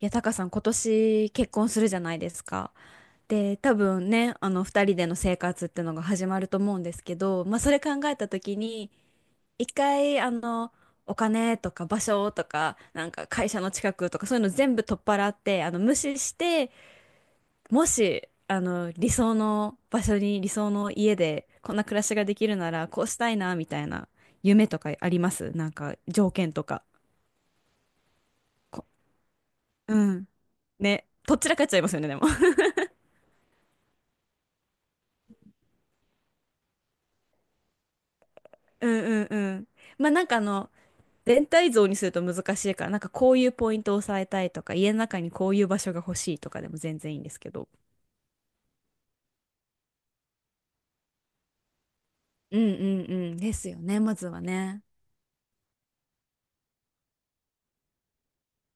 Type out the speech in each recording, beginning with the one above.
いや、タカさん、今年結婚するじゃないですか。で、多分ね、二人での生活ってのが始まると思うんですけど、まあ、それ考えた時に、一回、お金とか場所とか、なんか会社の近くとか、そういうの全部取っ払って、無視して、もし、理想の場所に、理想の家で、こんな暮らしができるなら、こうしたいな、みたいな、夢とかありますなんか、条件とか。こうん。ね、とっちらかっちゃいますよね、でも。うんうんうん。まあ、全体像にすると難しいから、なんかこういうポイントを押さえたいとか、家の中にこういう場所が欲しいとかでも全然いいんですけど。うんうんうん。ですよね、まずはね。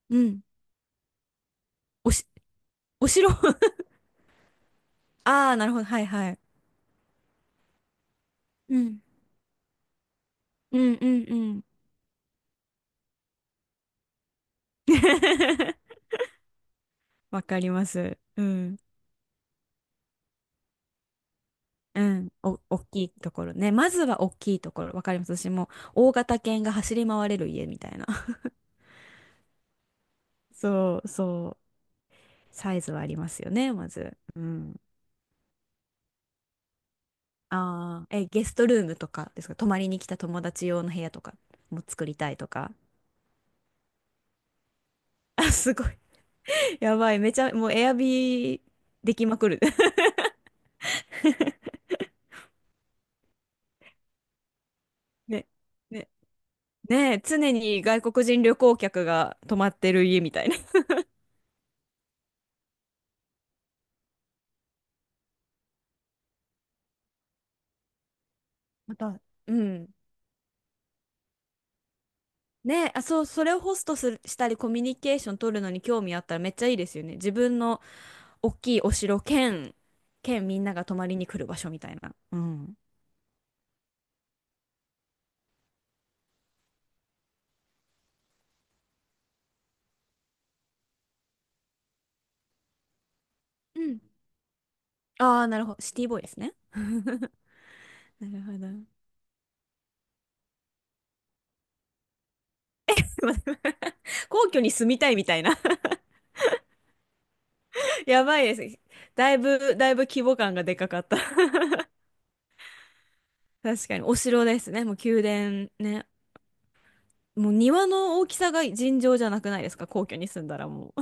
うん。おし、お城 ああ、なるほど。はいはい。うん。うんうんうん。わかります。うん。うん。お、大きいところね。まずは大きいところ。わかります。私も大型犬が走り回れる家みたいな。そうそう。サイズはありますよね、まず。うん。ああ、え、ゲストルームとかですか。泊まりに来た友達用の部屋とかも作りたいとか。あ、すごい。やばい。めちゃ、もうエアビーできまくる。ね、ね、ねえ、常に外国人旅行客が泊まってる家みたいな。また、うん。ねえ、あ、そう、それをホストする、したりコミュニケーション取るのに興味あったらめっちゃいいですよね。自分の大きいお城兼、兼みんなが泊まりに来る場所みたいな。うん。うん。ああ、なるほど。シティボーイですね。なるほど。皇居に住みたいみたいな。 やばいです。だいぶ、だいぶ規模感がでかかった。 確かに、お城ですね。もう宮殿ね。もう庭の大きさが尋常じゃなくないですか、皇居に住んだらもう。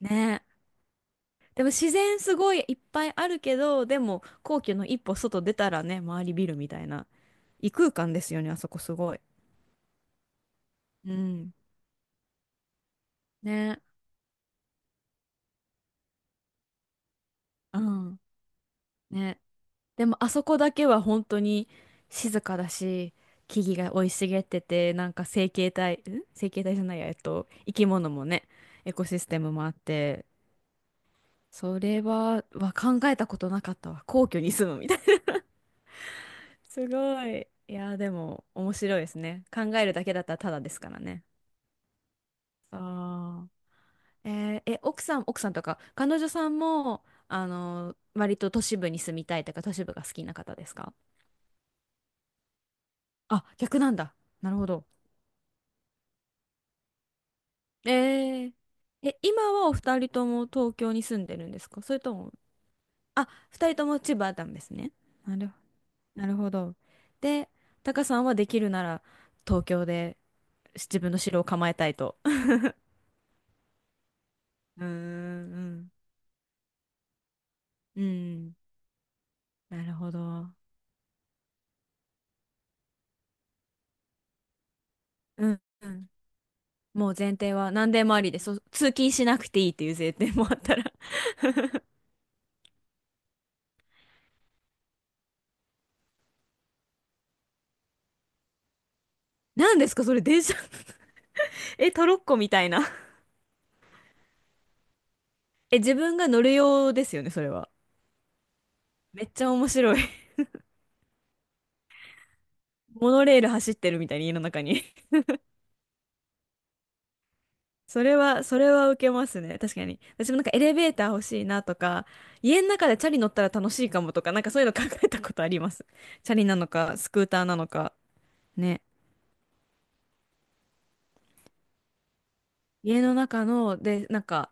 ねえ。でも自然すごいいっぱいあるけど、でも皇居の一歩外出たらね、周りビルみたいな。異空間ですよね、あそこすごい。うん。ねえ。うん。ね、でもあそこだけは本当に静かだし、木々が生い茂ってて、なんか生形態、ん生形態じゃないや、えっと、生き物もね、エコシステムもあって、それは、は考えたことなかったわ。皇居に住むみたいな。すごい。いやーでも面白いですね。考えるだけだったらただですからね。ああ。えーえ、奥さんとか、彼女さんも、割と都市部に住みたいとか、都市部が好きな方ですか？あ、逆なんだ。なるほど。えー、え、今はお二人とも東京に住んでるんですか、それとも、あ、二人とも千葉なんですね。なる、なるほど。で、タカさんはできるなら東京で自分の城を構えたいと。うーん、うん。うん、なるほど。うん、うん。もう前提は何でもありで、通勤しなくていいっていう前提もあったら。何ですかそれ、電車？ え、トロッコみたいな。え、自分が乗る用ですよね、それは。めっちゃ面白い。モノレール走ってるみたいに家の中に。 それは、それは受けますね。確かに。私もなんかエレベーター欲しいなとか、家の中でチャリ乗ったら楽しいかもとか、なんかそういうの考えたことあります。チャリなのか、スクーターなのか。ね。家の中の、で、なんか、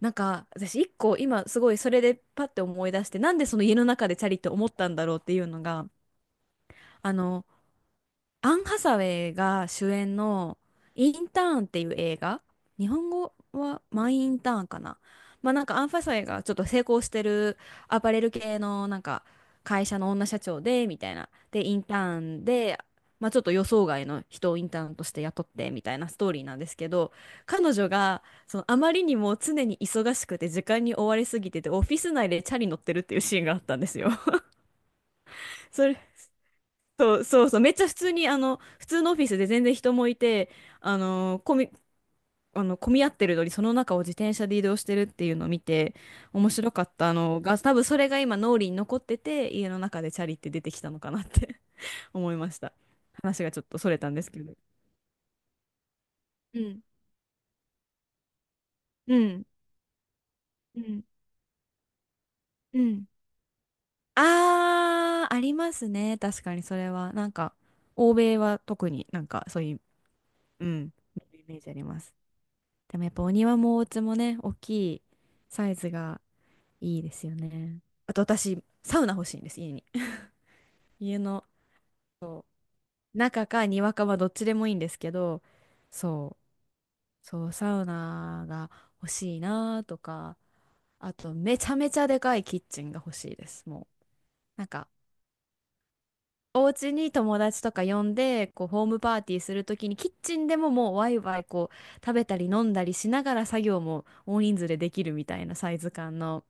なんか、私一個今すごいそれでパッて思い出して、なんでその家の中でチャリって思ったんだろうっていうのが、あの、アン・ハサウェイが主演のインターンっていう映画、日本語はマイ・インターンかな。まあなんかアン・ハサウェイがちょっと成功してるアパレル系のなんか会社の女社長でみたいな。で、インターンで、まあちょっと予想外の人をインターンとして雇ってみたいなストーリーなんですけど、彼女がそのあまりにも常に忙しくて時間に追われすぎててオフィス内でチャリ乗ってるっていうシーンがあったんですよ。それ、そうそうそう、めっちゃ普通に、普通のオフィスで全然人もいて、あの、混み、混み合ってるのに、その中を自転車で移動してるっていうのを見て、面白かったのが、多分それが今、脳裏に残ってて、家の中でチャリって出てきたのかなって 思いました。話がちょっとそれたんですけど。うん、うん、うん、うん。あー、ありますね。確かにそれは。なんか、欧米は特になんかそういう、うん、イメージあります。でもやっぱお庭もお家もね、大きいサイズがいいですよね。あと私、サウナ欲しいんです、家に。家の中か庭かはどっちでもいいんですけど、そう、そう、サウナが欲しいなとか、あとめちゃめちゃでかいキッチンが欲しいです、もう。なんか、お家に友達とか呼んで、こう、ホームパーティーするときに、キッチンでももうワイワイこう、食べたり飲んだりしながら作業も大人数でできるみたいなサイズ感の、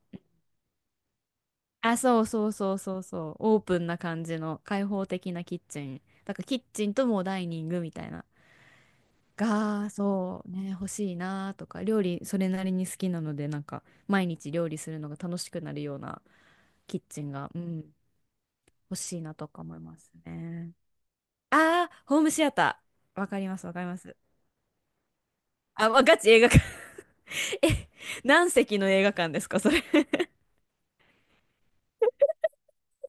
あ、そうそうそうそうそう、オープンな感じの開放的なキッチン。だからキッチンともうダイニングみたいな。が、そうね、欲しいなとか、料理それなりに好きなので、なんか毎日料理するのが楽しくなるようなキッチンが、うん、欲しいなとか思いますね。あー、ホームシアター。わかります、わかります。あ、ガチ映画館。え、何席の映画館ですか、それ。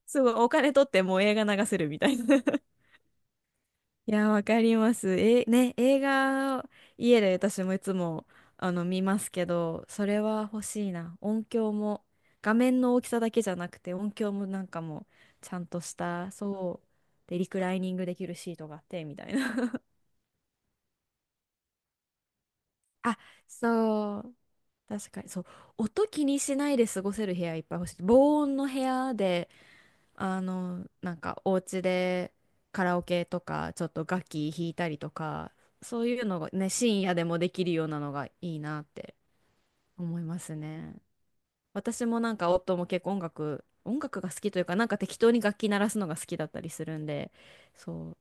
すごい、お金取ってもう映画流せるみたいな。いや、わかります。え、ね、映画、家で私もいつも、見ますけど、それは欲しいな。音響も、画面の大きさだけじゃなくて、音響もなんかも、ちゃんとした、そう、で、リクライニングできるシートがあって、みたいな。あ、そう、確かに、そう、音気にしないで過ごせる部屋いっぱい欲しい。防音の部屋で、なんかお家でカラオケとか、ちょっと楽器弾いたりとか、そういうのがね、深夜でもできるようなのがいいなって思いますね。私もなんか夫も結構音楽、音楽が好きというか、なんか適当に楽器鳴らすのが好きだったりするんで、そう。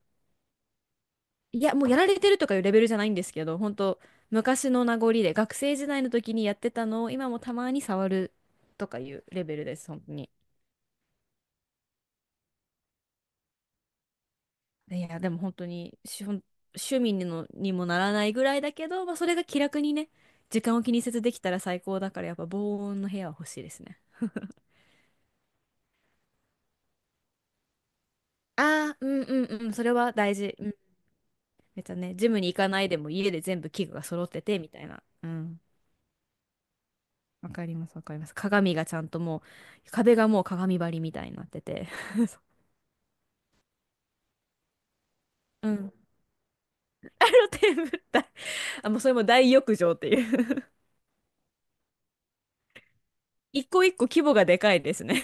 いや、もうやられてるとかいうレベルじゃないんですけど、本当昔の名残で、学生時代の時にやってたのを今もたまに触るとかいうレベルです、本当に。いや、でも本当に、趣味ににもならないぐらいだけど、まあ、それが気楽にね、時間を気にせずできたら最高だから、やっぱ防音の部屋は欲しいですね。ああ、うんうんうん、それは大事。うん。めっちゃね、ジムに行かないでも家で全部器具が揃ってて、みたいな。うん。わかります、わかります。鏡がちゃんとう、壁がもう鏡張りみたいになってて。うん。あのテーブルだ。あ、もうそれも大浴場っていう。 一個一個規模がでかいですね、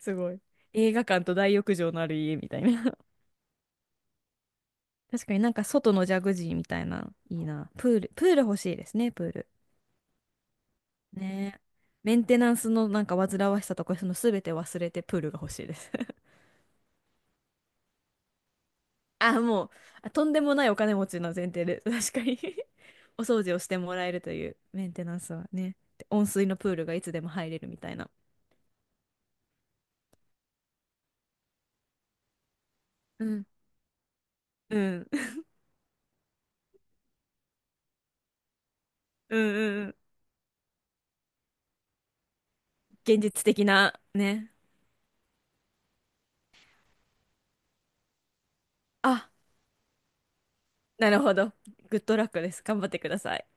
すごい。映画館と大浴場のある家みたいな。確かになんか外のジャグジーみたいな、いいな。プール、プール欲しいですね、プール。ねえ。メンテナンスのなんか煩わしさとか、その全て忘れてプールが欲しいです。あ、もう、あとんでもないお金持ちの前提で、確かに。 お掃除をしてもらえるというメンテナンスはね。で温水のプールがいつでも入れるみたいな。うん。うん。うんうんうん。現実的な、ね。あ、なるほど。グッドラックです。頑張ってください。